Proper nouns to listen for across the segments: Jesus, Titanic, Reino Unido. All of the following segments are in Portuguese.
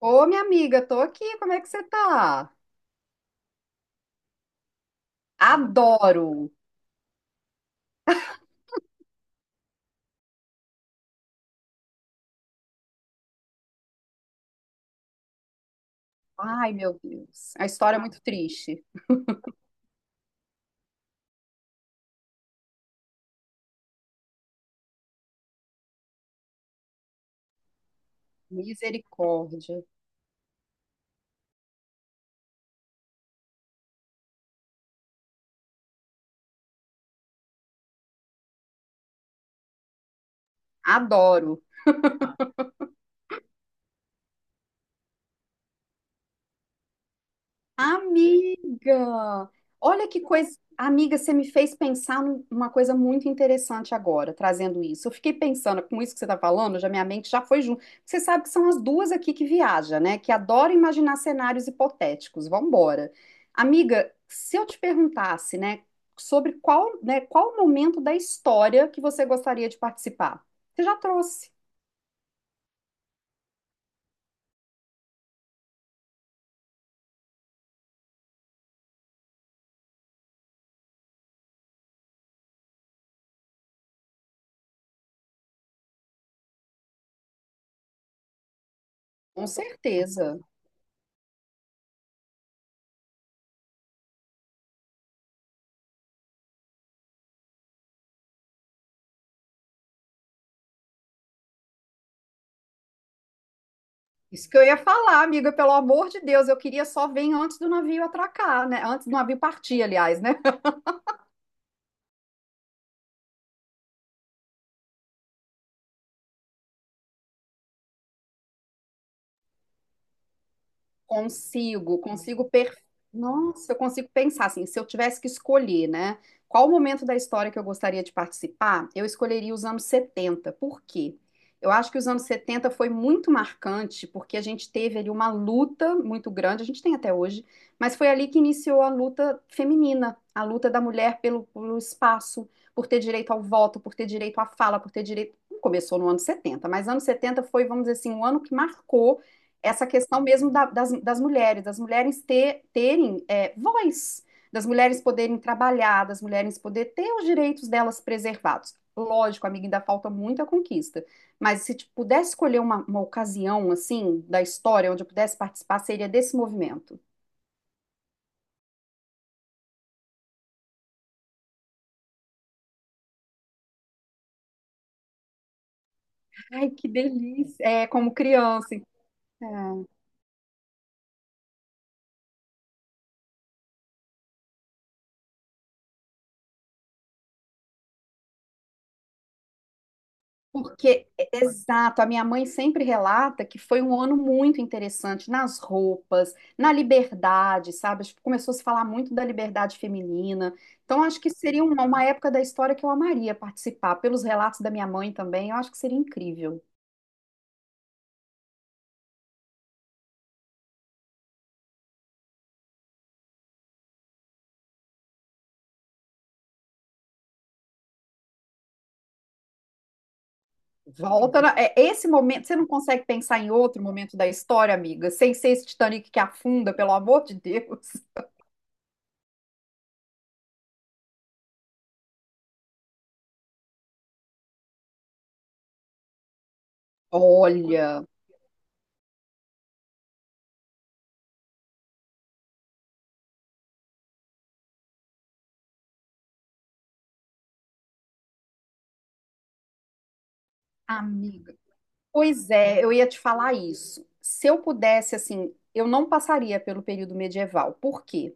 Ô, minha amiga, tô aqui, como é que você tá? Adoro. Ai, meu Deus, a história é muito triste. Misericórdia. Adoro. Amiga, olha que coisa. Amiga, você me fez pensar numa coisa muito interessante agora, trazendo isso. Eu fiquei pensando, com isso que você está falando, já minha mente já foi junto. Você sabe que são as duas aqui que viajam, né? Que adoram imaginar cenários hipotéticos. Vambora. Amiga, se eu te perguntasse, né, sobre qual, né, qual o momento da história que você gostaria de participar? Você já trouxe, com certeza. Isso que eu ia falar, amiga, pelo amor de Deus, eu queria só vir antes do navio atracar, né? Antes do navio partir, aliás, né? Consigo, Nossa, eu consigo pensar assim, se eu tivesse que escolher, né? Qual o momento da história que eu gostaria de participar? Eu escolheria os anos 70. Por quê? Eu acho que os anos 70 foi muito marcante, porque a gente teve ali uma luta muito grande, a gente tem até hoje, mas foi ali que iniciou a luta feminina, a luta da mulher pelo espaço, por ter direito ao voto, por ter direito à fala, por ter direito. Não começou no ano 70, mas ano 70 foi, vamos dizer assim, um ano que marcou essa questão mesmo das mulheres, das mulheres terem é, voz, das mulheres poderem trabalhar, das mulheres poderem ter os direitos delas preservados. Lógico, amiga, ainda falta muita conquista, mas se tipo, pudesse escolher uma ocasião assim da história onde eu pudesse participar, seria desse movimento. Ai, que delícia! É, como criança. É. Porque, exato, a minha mãe sempre relata que foi um ano muito interessante nas roupas, na liberdade, sabe? Acho que começou a se falar muito da liberdade feminina. Então, acho que seria uma época da história que eu amaria participar. Pelos relatos da minha mãe também, eu acho que seria incrível. Volta, é esse momento, você não consegue pensar em outro momento da história, amiga, sem ser esse Titanic que afunda, pelo amor de Deus. Olha, amiga. Pois é, eu ia te falar isso. Se eu pudesse, assim, eu não passaria pelo período medieval. Por quê?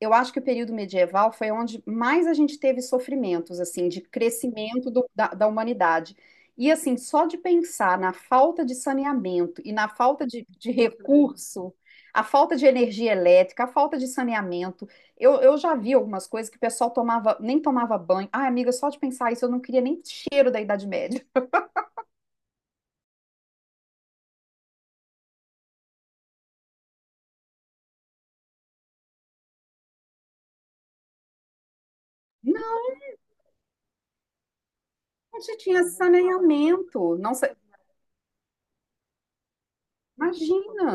Eu acho que o período medieval foi onde mais a gente teve sofrimentos, assim, de crescimento da humanidade. E, assim, só de pensar na falta de saneamento e na falta de recurso, a falta de energia elétrica, a falta de saneamento. Eu já vi algumas coisas que o pessoal tomava, nem tomava banho. Ah, amiga, só de pensar isso, eu não queria nem cheiro da Idade Média. Onde tinha saneamento? Não imagina.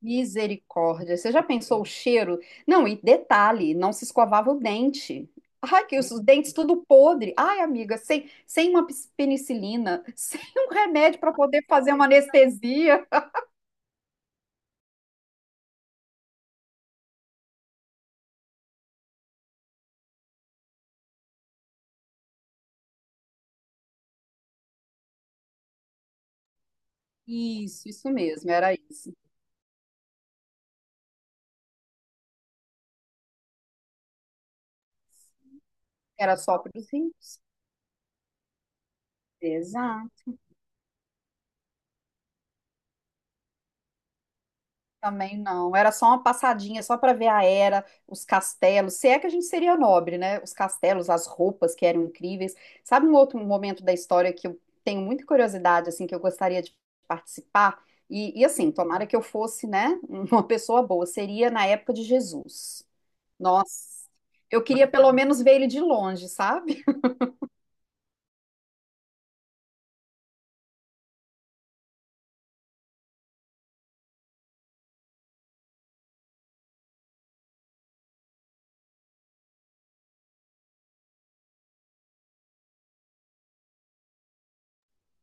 Misericórdia. Você já pensou o cheiro? Não, e detalhe, não se escovava o dente. Ai, que os dentes tudo podre. Ai, amiga, sem, sem uma penicilina, sem um remédio para poder fazer uma anestesia. Isso mesmo, era isso. Era só para os ricos. Exato. Também não. Era só uma passadinha, só para ver a era, os castelos. Se é que a gente seria nobre, né? Os castelos, as roupas que eram incríveis. Sabe um outro momento da história que eu tenho muita curiosidade, assim, que eu gostaria de participar? E assim, tomara que eu fosse, né, uma pessoa boa. Seria na época de Jesus. Nossa, eu queria pelo menos ver ele de longe, sabe?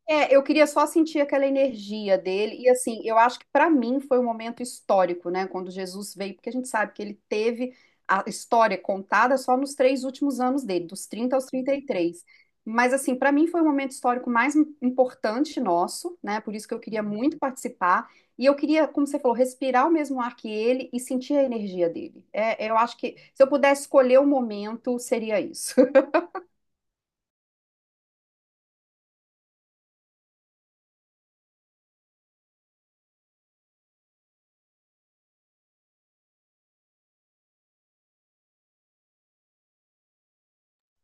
É, eu queria só sentir aquela energia dele. E assim, eu acho que para mim foi um momento histórico, né? Quando Jesus veio, porque a gente sabe que ele teve a história contada só nos três últimos anos dele, dos 30 aos 33. Mas assim, para mim foi o momento histórico mais importante nosso, né? Por isso que eu queria muito participar. E eu queria, como você falou, respirar o mesmo ar que ele e sentir a energia dele. É, eu acho que se eu pudesse escolher o momento, seria isso.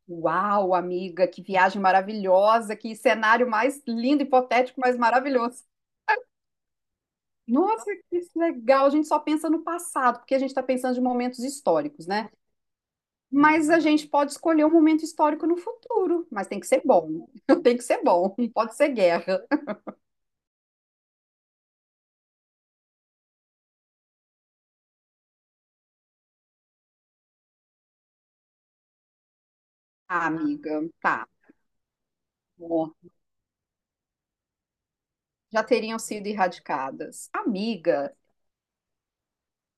Uau, amiga, que viagem maravilhosa, que cenário mais lindo, hipotético, mas maravilhoso. Nossa, que legal! A gente só pensa no passado, porque a gente está pensando de momentos históricos, né? Mas a gente pode escolher um momento histórico no futuro, mas tem que ser bom. Tem que ser bom, não pode ser guerra. Ah, amiga, tá. Bom, já teriam sido erradicadas. Amiga.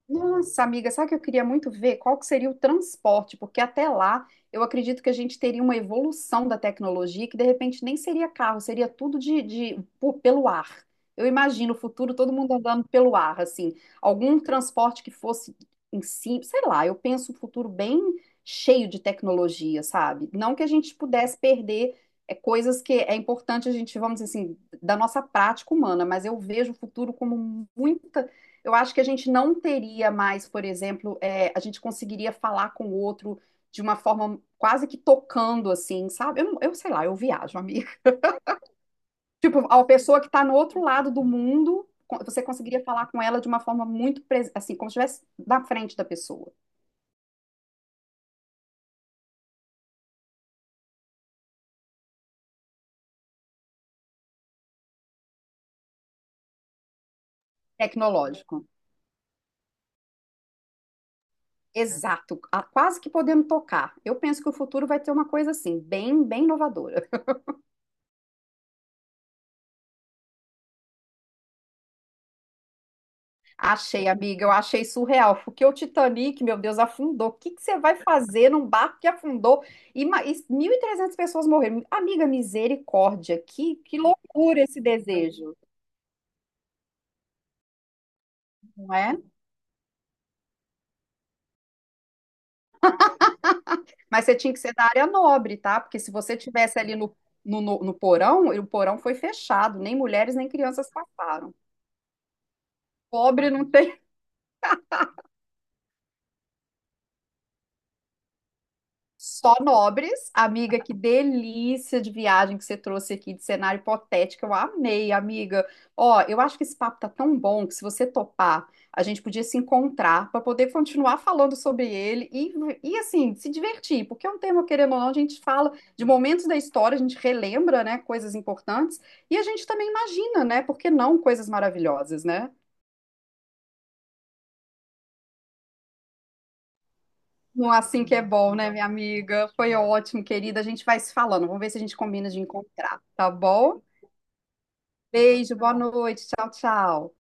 Nossa, amiga, sabe o que eu queria muito ver? Qual que seria o transporte? Porque até lá eu acredito que a gente teria uma evolução da tecnologia que de repente nem seria carro, seria tudo pô, pelo ar. Eu imagino o futuro todo mundo andando pelo ar, assim, algum transporte que fosse em si, sei lá, eu penso um futuro bem cheio de tecnologia, sabe? Não que a gente pudesse perder é, coisas que é importante a gente, vamos dizer assim, da nossa prática humana, mas eu vejo o futuro como muita. Eu acho que a gente não teria mais, por exemplo, é, a gente conseguiria falar com o outro de uma forma quase que tocando, assim, sabe? Eu sei lá, eu viajo, amiga. Tipo, a pessoa que está no outro lado do mundo, você conseguiria falar com ela de uma forma muito, assim, como se estivesse na frente da pessoa. Tecnológico. Exato. Ah, quase que podendo tocar. Eu penso que o futuro vai ter uma coisa assim, bem, bem inovadora. Achei, amiga, eu achei surreal. Porque o Titanic, meu Deus, afundou. O que que você vai fazer num barco que afundou e, e 1.300 pessoas morreram? Amiga, misericórdia, que loucura esse desejo, não é? Mas você tinha que ser da área nobre, tá? Porque se você tivesse ali no, no porão, e o porão foi fechado, nem mulheres nem crianças passaram. Pobre não. Só nobres, amiga, que delícia de viagem que você trouxe aqui, de cenário hipotético. Eu amei, amiga. Ó, eu acho que esse papo tá tão bom que se você topar, a gente podia se encontrar para poder continuar falando sobre ele e assim, se divertir, porque é um tema, querendo ou não, a gente fala de momentos da história, a gente relembra, né, coisas importantes e a gente também imagina, né, por que não coisas maravilhosas, né? Não é assim que é bom, né, minha amiga? Foi ótimo, querida. A gente vai se falando. Vamos ver se a gente combina de encontrar, tá bom? Beijo, boa noite. Tchau, tchau.